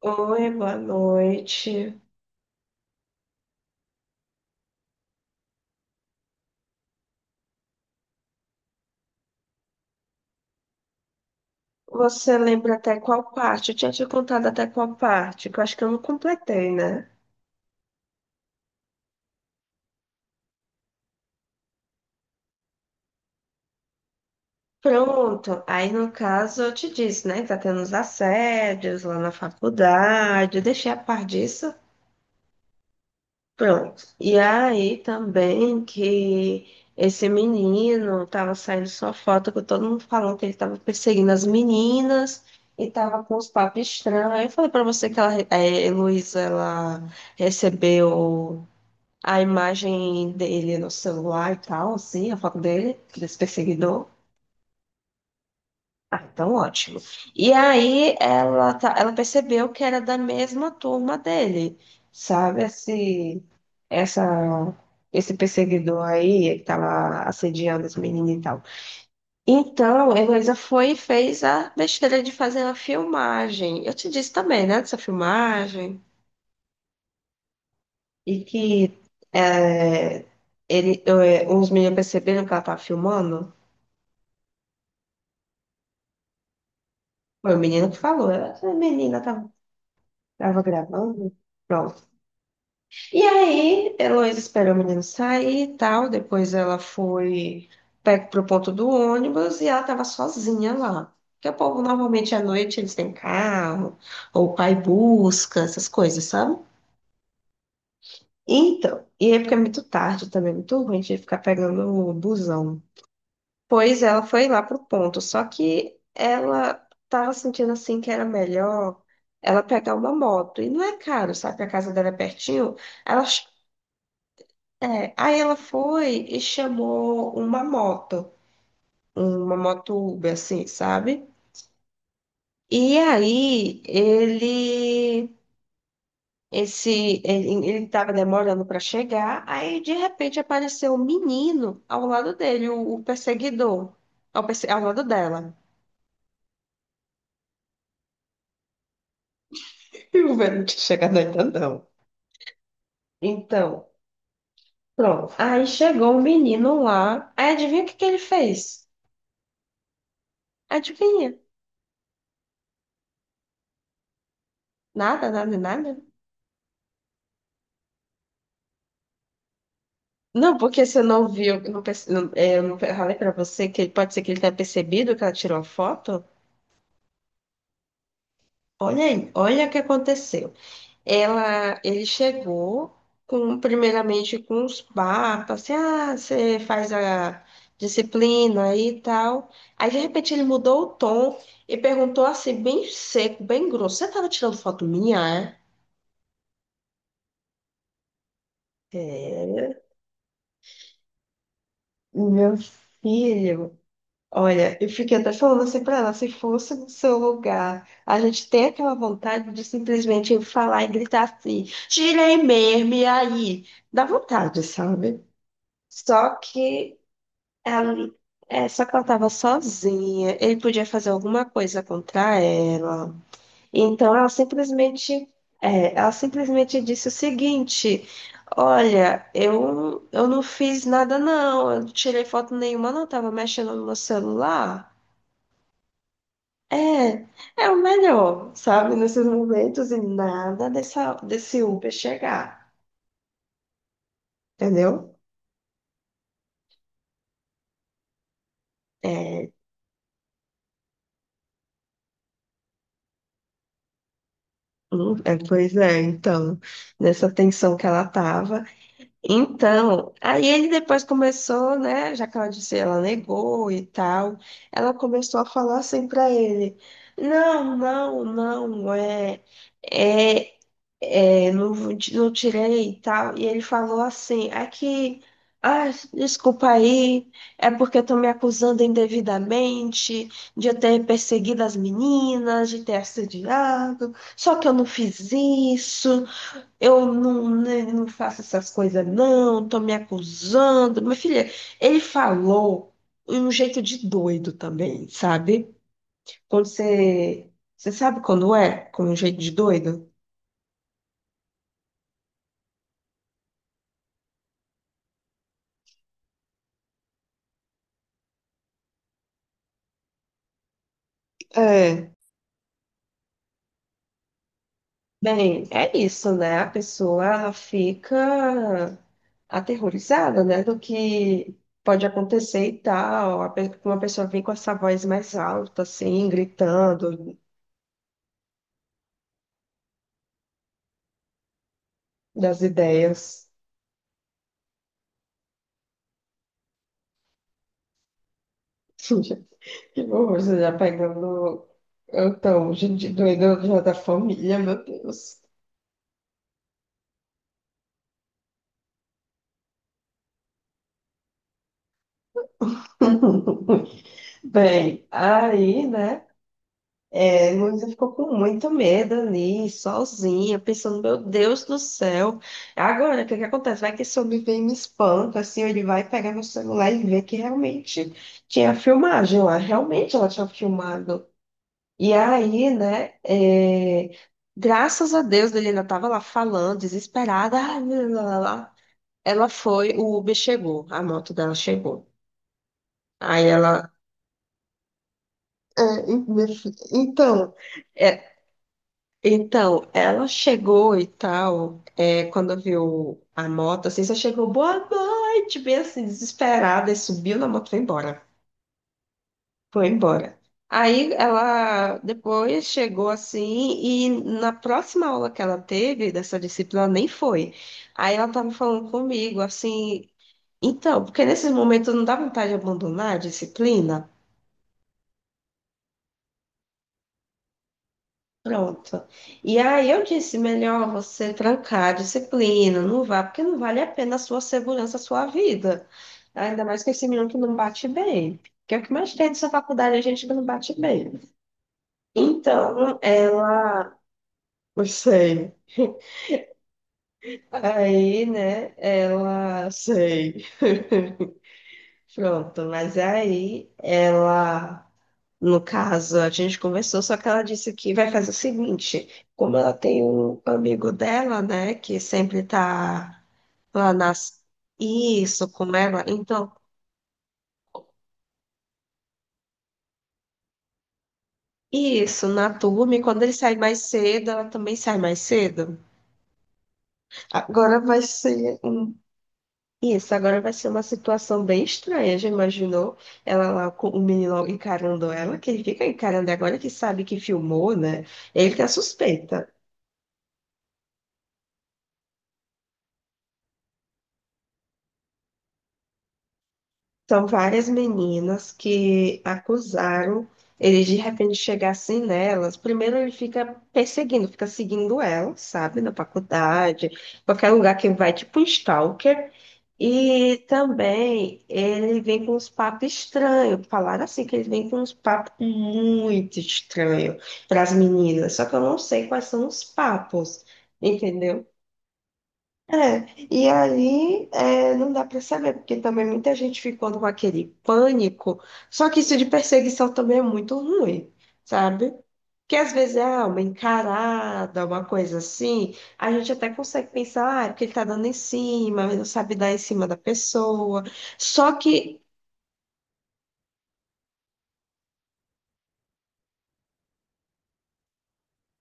Oi, boa noite. Você lembra até qual parte? Eu tinha te contado até qual parte, que eu acho que eu não completei, né? Pronto. Aí, no caso, eu te disse, né? Tá tendo os assédios lá na faculdade. Eu deixei a par disso. Pronto. E aí também que esse menino tava saindo sua foto com todo mundo falando que ele tava perseguindo as meninas e tava com os papos estranhos. Aí eu falei pra você que ela, Heloísa, ela recebeu a imagem dele no celular e tal, assim, a foto dele, desse perseguidor. Ah, então ótimo. E aí ela, ela percebeu que era da mesma turma dele, sabe? Essa, esse perseguidor aí que tava assediando as meninas e tal. Então, a Heloísa foi e fez a besteira de fazer uma filmagem. Eu te disse também, né, dessa filmagem. E que é, ele, é, os meninos perceberam que ela tava filmando. Foi o menino que falou. Ela, a menina tava, tava gravando. Pronto. E aí, Heloísa esperou o menino sair e tal. Depois ela foi pro ponto do ônibus e ela tava sozinha lá. Porque o povo, normalmente, à noite, eles têm carro, ou o pai busca, essas coisas, sabe? Então, e aí porque é muito tarde também, é muito ruim de ficar pegando o busão. Pois ela foi lá pro ponto, só que ela tava sentindo assim que era melhor ela pegar uma moto. E não é caro, sabe? A casa dela é pertinho. Ela, ch- é, aí ela foi e chamou uma moto Uber, assim, sabe? E aí ele tava demorando para chegar, aí de repente apareceu um menino ao lado dele, o perseguidor, ao lado dela. E o velho não tinha chegado ainda, não. Então, pronto. Aí chegou um menino lá. Aí adivinha o que que ele fez? Adivinha? Nada, nada, nada. Não, porque você não viu, eu não, perce- não- é, eu não falei pra você que pode ser que ele tenha percebido que ela tirou a foto. Olha aí, olha o que aconteceu. Ela, ele chegou com, primeiramente com uns papos, assim, ah, você faz a disciplina aí e tal. Aí de repente ele mudou o tom e perguntou assim, bem seco, bem grosso: Você estava tirando foto minha? É? É, meu filho, olha, eu fiquei até falando assim pra ela, se fosse no seu lugar, a gente tem aquela vontade de simplesmente falar e gritar assim, tirei mesmo, e aí? Dá vontade, sabe? Só que ela, só que ela tava sozinha, ele podia fazer alguma coisa contra ela. Então ela simplesmente, ela simplesmente disse o seguinte: Olha, eu não fiz nada, não, eu não tirei foto nenhuma, não, estava mexendo no meu celular. É, é o melhor, sabe, nesses momentos e nada dessa, desse Uber chegar, entendeu? É, é, pois é, então, nessa tensão que ela tava. Então, aí ele depois começou, né? Já que ela disse, ela negou e tal. Ela começou a falar assim pra ele: Não, não, não, é, é, não, não tirei e tal. E ele falou assim: É que, ah, desculpa aí, é porque estão me acusando indevidamente de eu ter perseguido as meninas, de ter assediado, só que eu não fiz isso. Eu não, né, não faço essas coisas, não, tô me acusando. Minha filha, ele falou de um jeito de doido também, sabe? Quando você. Você sabe quando é? Com um jeito de doido? É. Bem, é isso, né? A pessoa fica aterrorizada, né? Do que pode acontecer e tal. Uma pessoa vem com essa voz mais alta, assim, gritando das ideias. Que horror, você já pegando. Então, gente doida já da família, meu Deus. Bem, aí, né? É, Luísa ficou com muito medo ali, sozinha, pensando, meu Deus do céu. Agora, o que que acontece? Vai que esse homem vem e me espanta, assim, ou ele vai pegar meu celular e ver que realmente tinha filmagem lá, realmente ela tinha filmado. E aí, né? É, graças a Deus, ele ainda estava lá falando, desesperada, ah, lá, lá, lá. Ela foi, o Uber chegou, a moto dela chegou. Aí ela. É, meu filho, então, é, então, ela chegou e tal, é, quando viu a moto, assim, só chegou, boa noite, bem assim, desesperada, e subiu na moto e foi embora. Foi embora. Aí ela depois chegou assim, e na próxima aula que ela teve dessa disciplina, nem foi. Aí ela tava falando comigo, assim, então, porque nesses momentos não dá vontade de abandonar a disciplina. Pronto. E aí eu disse, melhor você trancar a disciplina, não vá, porque não vale a pena a sua segurança, a sua vida. Ainda mais com esse menino que não bate bem. Que é o que mais tem dessa faculdade, a gente que não bate bem. Então, ela... Eu sei. Aí, né, ela... Sei. Pronto, mas aí ela... No caso, a gente conversou, só que ela disse que vai fazer o seguinte, como ela tem um amigo dela, né, que sempre tá lá nas... Isso, com ela, então, isso, na turma, e quando ele sai mais cedo, ela também sai mais cedo. Agora vai ser um... Isso, agora vai ser uma situação bem estranha, já imaginou? Ela lá com o menino encarando ela, que ele fica encarando agora que sabe que filmou, né? Ele tá suspeito. São várias meninas que acusaram ele de repente chegar assim nelas. Primeiro ele fica perseguindo, fica seguindo ela, sabe, na faculdade, qualquer lugar que vai, tipo um stalker. E também ele vem com uns papos estranhos. Falaram assim que ele vem com uns papos muito estranhos para as meninas. Só que eu não sei quais são os papos, entendeu? É, e aí é, não dá para saber, porque também muita gente ficou com aquele pânico, só que isso de perseguição também é muito ruim, sabe? Porque às vezes é ah, uma encarada, uma coisa assim, a gente até consegue pensar, ah, é porque ele tá dando em cima, mas não sabe dar em cima da pessoa, só que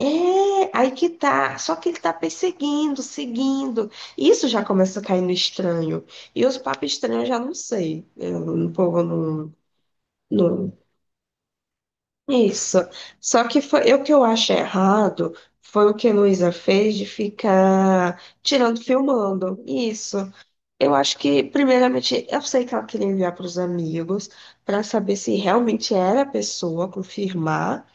é aí que tá, só que ele tá perseguindo, seguindo, isso já começa a cair no estranho, e os papos estranhos eu já não sei, eu, o povo não. Não, isso. Só que foi, o que eu acho errado foi o que a Luísa fez de ficar tirando, filmando. Isso. Eu acho que, primeiramente, eu sei que ela queria enviar para os amigos para saber se realmente era a pessoa, confirmar.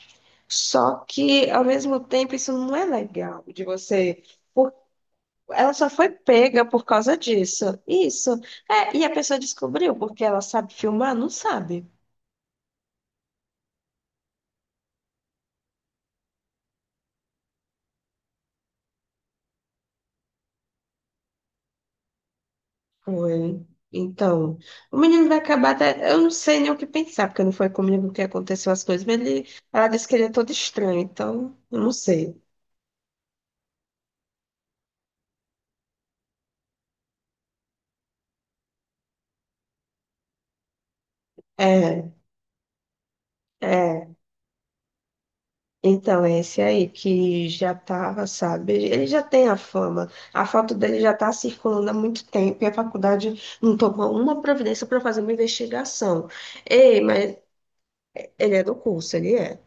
Só que, ao mesmo tempo, isso não é legal de você. por- Ela só foi pega por causa disso. Isso. É, e a pessoa descobriu porque ela sabe filmar? Não sabe. Foi. Então, o menino vai acabar até. Eu não sei nem o que pensar, porque não foi comigo que aconteceu as coisas, mas ele... ela disse que ele é todo estranho, então, eu não sei. É, é. Então, é esse aí que já tava, sabe? Ele já tem a fama. A foto dele já tá circulando há muito tempo e a faculdade não tomou uma providência para fazer uma investigação. Ei, mas ele é do curso, ele é.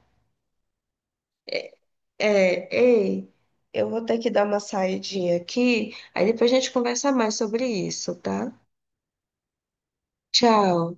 É, ei, eu vou ter que dar uma saidinha aqui, aí depois a gente conversa mais sobre isso, tá? Tchau.